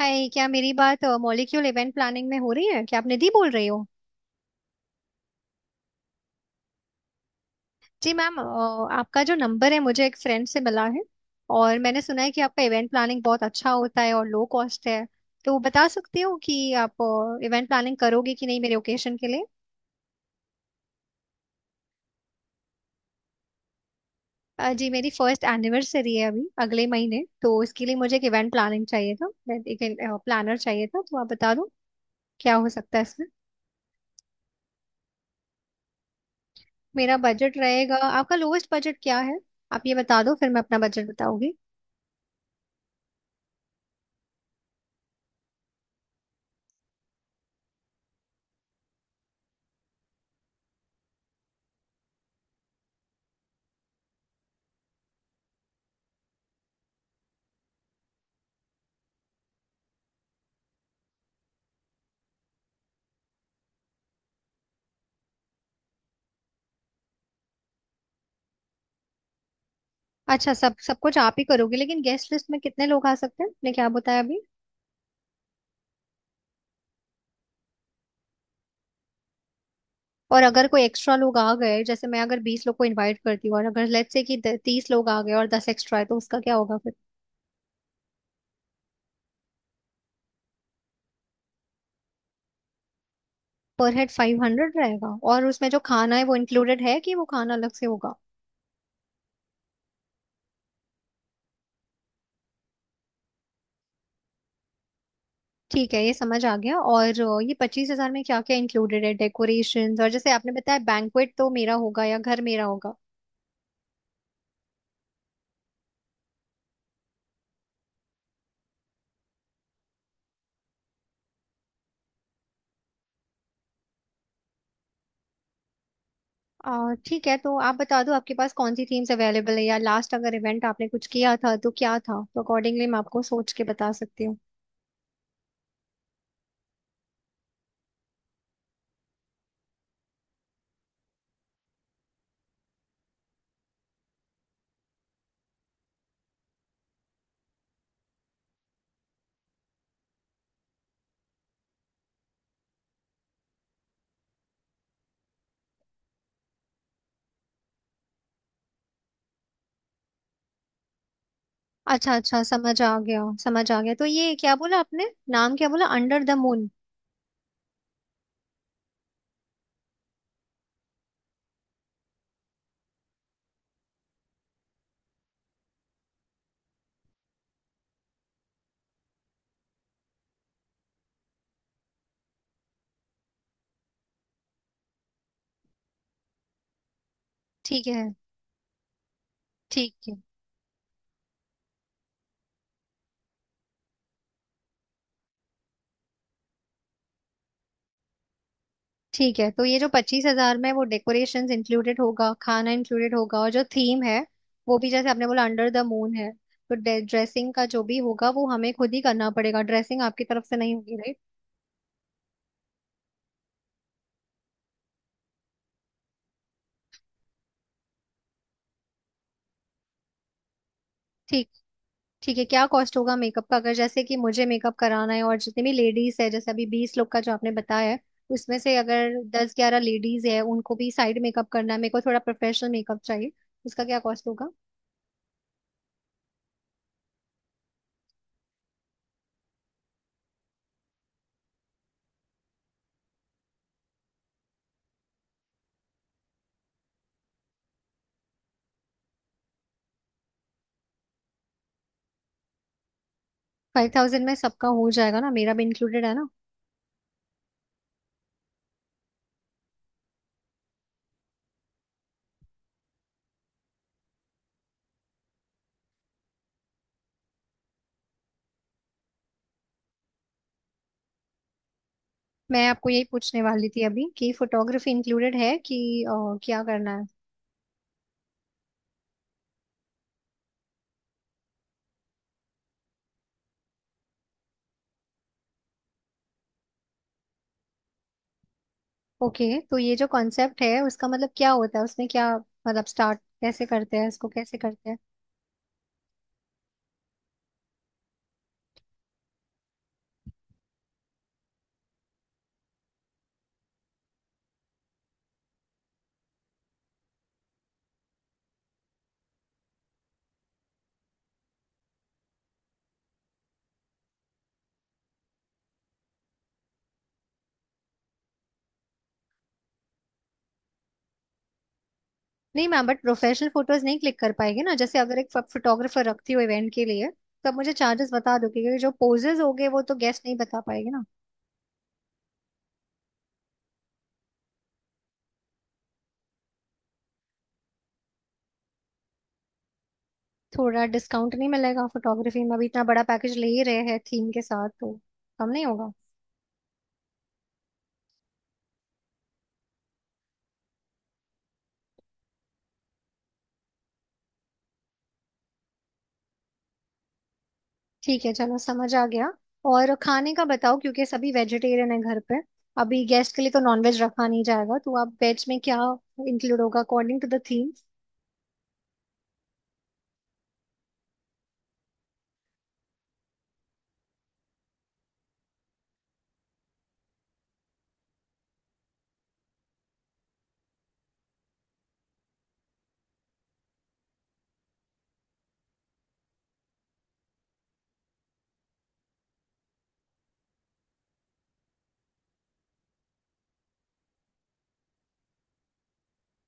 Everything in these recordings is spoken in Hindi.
हाय, क्या मेरी बात मॉलिक्यूल इवेंट प्लानिंग में हो रही है? क्या आप निधि बोल रही हो? जी मैम। आपका जो नंबर है मुझे एक फ्रेंड से मिला है। और मैंने सुना है कि आपका इवेंट प्लानिंग बहुत अच्छा होता है और लो कॉस्ट है। तो बता सकती हो कि आप इवेंट प्लानिंग करोगे कि नहीं मेरे ओकेशन के लिए? जी, मेरी फर्स्ट एनिवर्सरी है अभी अगले महीने, तो इसके लिए मुझे एक इवेंट प्लानिंग चाहिए था, एक प्लानर चाहिए था। तो आप बता दो क्या हो सकता है इसमें। मेरा बजट रहेगा, आपका लोवेस्ट बजट क्या है? आप ये बता दो, फिर मैं अपना बजट बताऊंगी। अच्छा, सब सब कुछ आप ही करोगे? लेकिन गेस्ट लिस्ट में कितने लोग आ सकते हैं, आपने क्या बताया अभी? और अगर कोई एक्स्ट्रा लोग आ गए, जैसे मैं अगर 20 लोग को इनवाइट करती हूँ और अगर लेट्स से कि 30 लोग आ गए और 10 एक्स्ट्रा है, तो उसका क्या होगा फिर? पर हेड 500 रहेगा? और उसमें जो खाना है वो इंक्लूडेड है कि वो खाना अलग से होगा? ठीक है, ये समझ आ गया। और ये 25 हजार में क्या क्या इंक्लूडेड है? डेकोरेशंस? और जैसे आपने बताया, बैंक्वेट तो मेरा होगा या घर मेरा होगा? ठीक है, तो आप बता दो आपके पास कौन सी थीम्स अवेलेबल है, या लास्ट अगर इवेंट आपने कुछ किया था तो क्या था, तो अकॉर्डिंगली मैं आपको सोच के बता सकती हूँ। अच्छा अच्छा, समझ आ गया समझ आ गया। तो ये क्या बोला आपने, नाम क्या बोला, अंडर द मून? ठीक है। ठीक है। ठीक है, तो ये जो 25 हजार में, वो डेकोरेशंस इंक्लूडेड होगा, खाना इंक्लूडेड होगा, और जो थीम है वो भी जैसे आपने बोला अंडर द मून है। तो ड्रेसिंग का जो भी होगा वो हमें खुद ही करना पड़ेगा, ड्रेसिंग आपकी तरफ से नहीं होगी, राइट? ठीक है। क्या कॉस्ट होगा मेकअप का अगर जैसे कि मुझे मेकअप कराना है और जितने भी लेडीज है, जैसे अभी 20 लोग का जो आपने बताया है, उसमें से अगर 10 11 लेडीज है, उनको भी साइड मेकअप करना है, मेरे को थोड़ा प्रोफेशनल मेकअप चाहिए, उसका क्या कॉस्ट होगा? 5000 में सबका हो जाएगा ना, मेरा भी इंक्लूडेड है ना? मैं आपको यही पूछने वाली थी अभी कि फोटोग्राफी इंक्लूडेड है कि क्या करना है? ओके, तो ये जो कॉन्सेप्ट है उसका मतलब क्या होता है, उसमें क्या मतलब, स्टार्ट कैसे करते हैं, इसको कैसे करते हैं? नहीं मैम, बट प्रोफेशनल फोटोज नहीं क्लिक कर पाएगी ना। जैसे अगर एक फोटोग्राफर रखती हूँ इवेंट के लिए, तो आप मुझे चार्जेस बता दो, क्योंकि जो पोजेज हो गए वो तो गेस्ट नहीं बता पाएगी ना। थोड़ा डिस्काउंट नहीं मिलेगा फोटोग्राफी में? अभी इतना बड़ा पैकेज ले ही रहे हैं थीम के साथ, तो कम नहीं होगा? ठीक है, चलो समझ आ गया। और खाने का बताओ, क्योंकि सभी वेजिटेरियन है घर पे। अभी गेस्ट के लिए तो नॉनवेज रखा नहीं जाएगा, तो आप वेज में क्या इंक्लूड होगा अकॉर्डिंग टू द थीम?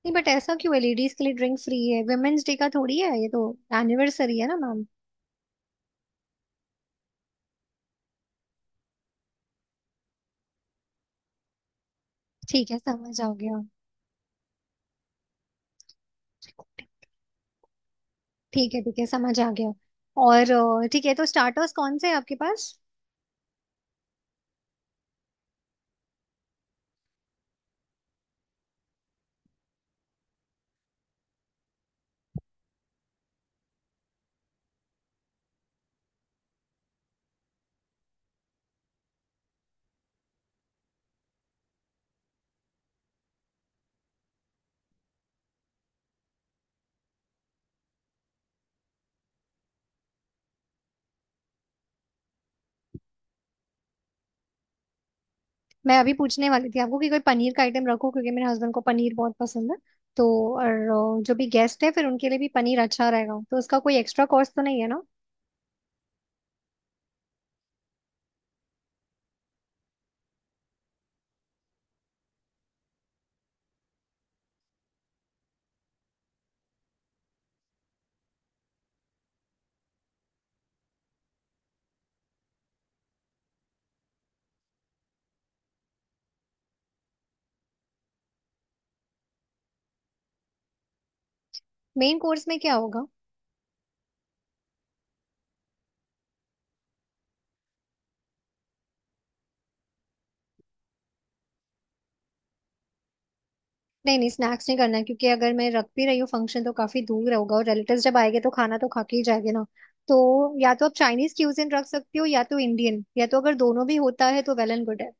नहीं, बट ऐसा क्यों है लेडीज के लिए ड्रिंक फ्री है? वुमेन्स डे का थोड़ी है ये, तो एनिवर्सरी है ना मैम। ठीक है, समझ आ गया। ठीक है, ठीक है, समझ आ गया। और ठीक है, तो स्टार्टर्स कौन से हैं आपके पास? मैं अभी पूछने वाली थी आपको कि कोई पनीर का आइटम रखो, क्योंकि मेरे हस्बैंड को पनीर बहुत पसंद है। तो और जो भी गेस्ट है, फिर उनके लिए भी पनीर अच्छा रहेगा, तो उसका कोई एक्स्ट्रा कॉस्ट तो नहीं है ना? मेन कोर्स में क्या होगा? नहीं नहीं, स्नैक्स नहीं करना है, क्योंकि अगर मैं रख भी रही हूँ फंक्शन तो काफी दूर होगा और रिलेटिव्स जब आएंगे तो खाना तो खा के ही जाएंगे ना। तो या तो आप चाइनीज क्यूजिन रख सकती हो या तो इंडियन, या तो अगर दोनों भी होता है तो वेल एंड गुड है।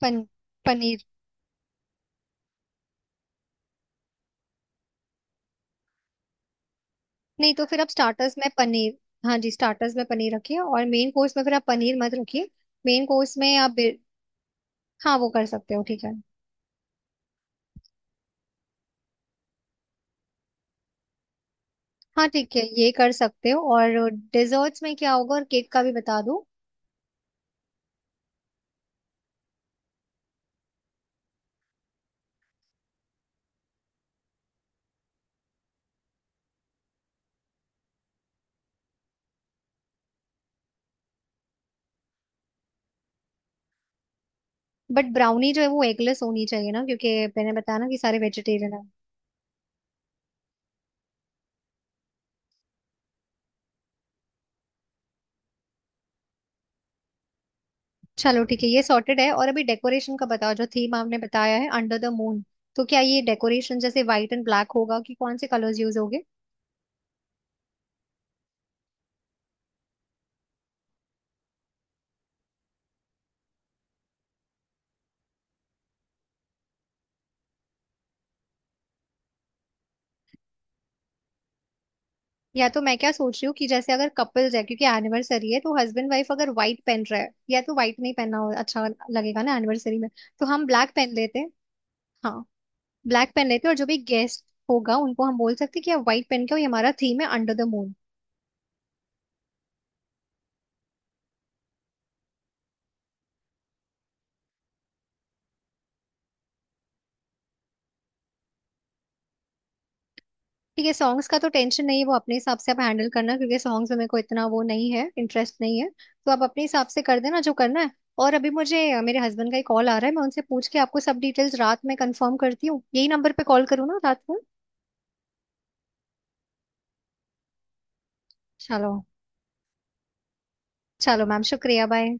पन, पनीर। नहीं, तो फिर आप स्टार्टर्स में पनीर। हाँ जी, स्टार्टर्स में पनीर रखिए और मेन कोर्स में फिर आप पनीर मत रखिए। मेन कोर्स में आप हाँ, वो कर सकते हो, ठीक है। हाँ ठीक है, ये कर सकते हो। और डिजर्ट्स में क्या होगा? और केक का भी बता दूं। बट ब्राउनी जो है वो एगलेस होनी चाहिए ना, क्योंकि मैंने बताया ना कि सारे वेजिटेरियन है। चलो ठीक है, ये सॉर्टेड है। और अभी डेकोरेशन का बताओ, जो थीम आपने बताया है अंडर द मून, तो क्या ये डेकोरेशन जैसे व्हाइट एंड ब्लैक होगा, कि कौन से कलर्स यूज होंगे? या तो मैं क्या सोच रही हूँ कि जैसे अगर कपल्स है, क्योंकि एनिवर्सरी है, तो हस्बैंड वाइफ अगर व्हाइट पहन रहा है, या तो व्हाइट नहीं पहनना, हो अच्छा लगेगा ना एनिवर्सरी में। तो हम ब्लैक पहन लेते हैं। हाँ, ब्लैक पहन लेते हैं और जो भी गेस्ट होगा उनको हम बोल सकते हैं कि आप व्हाइट पहन के आओ, ये हमारा थीम है अंडर द मून। ठीक है, सॉन्ग्स का तो टेंशन नहीं है, वो अपने हिसाब से आप हैंडल करना, क्योंकि सॉन्ग्स में मेरे को इतना वो नहीं है, इंटरेस्ट नहीं है। तो आप अपने हिसाब से कर देना जो करना है। और अभी मुझे मेरे हस्बैंड का ही कॉल आ रहा है, मैं उनसे पूछ के आपको सब डिटेल्स रात में कंफर्म करती हूँ। यही नंबर पे कॉल करूँ ना रात को? चलो। चलो मैम, शुक्रिया। बाय।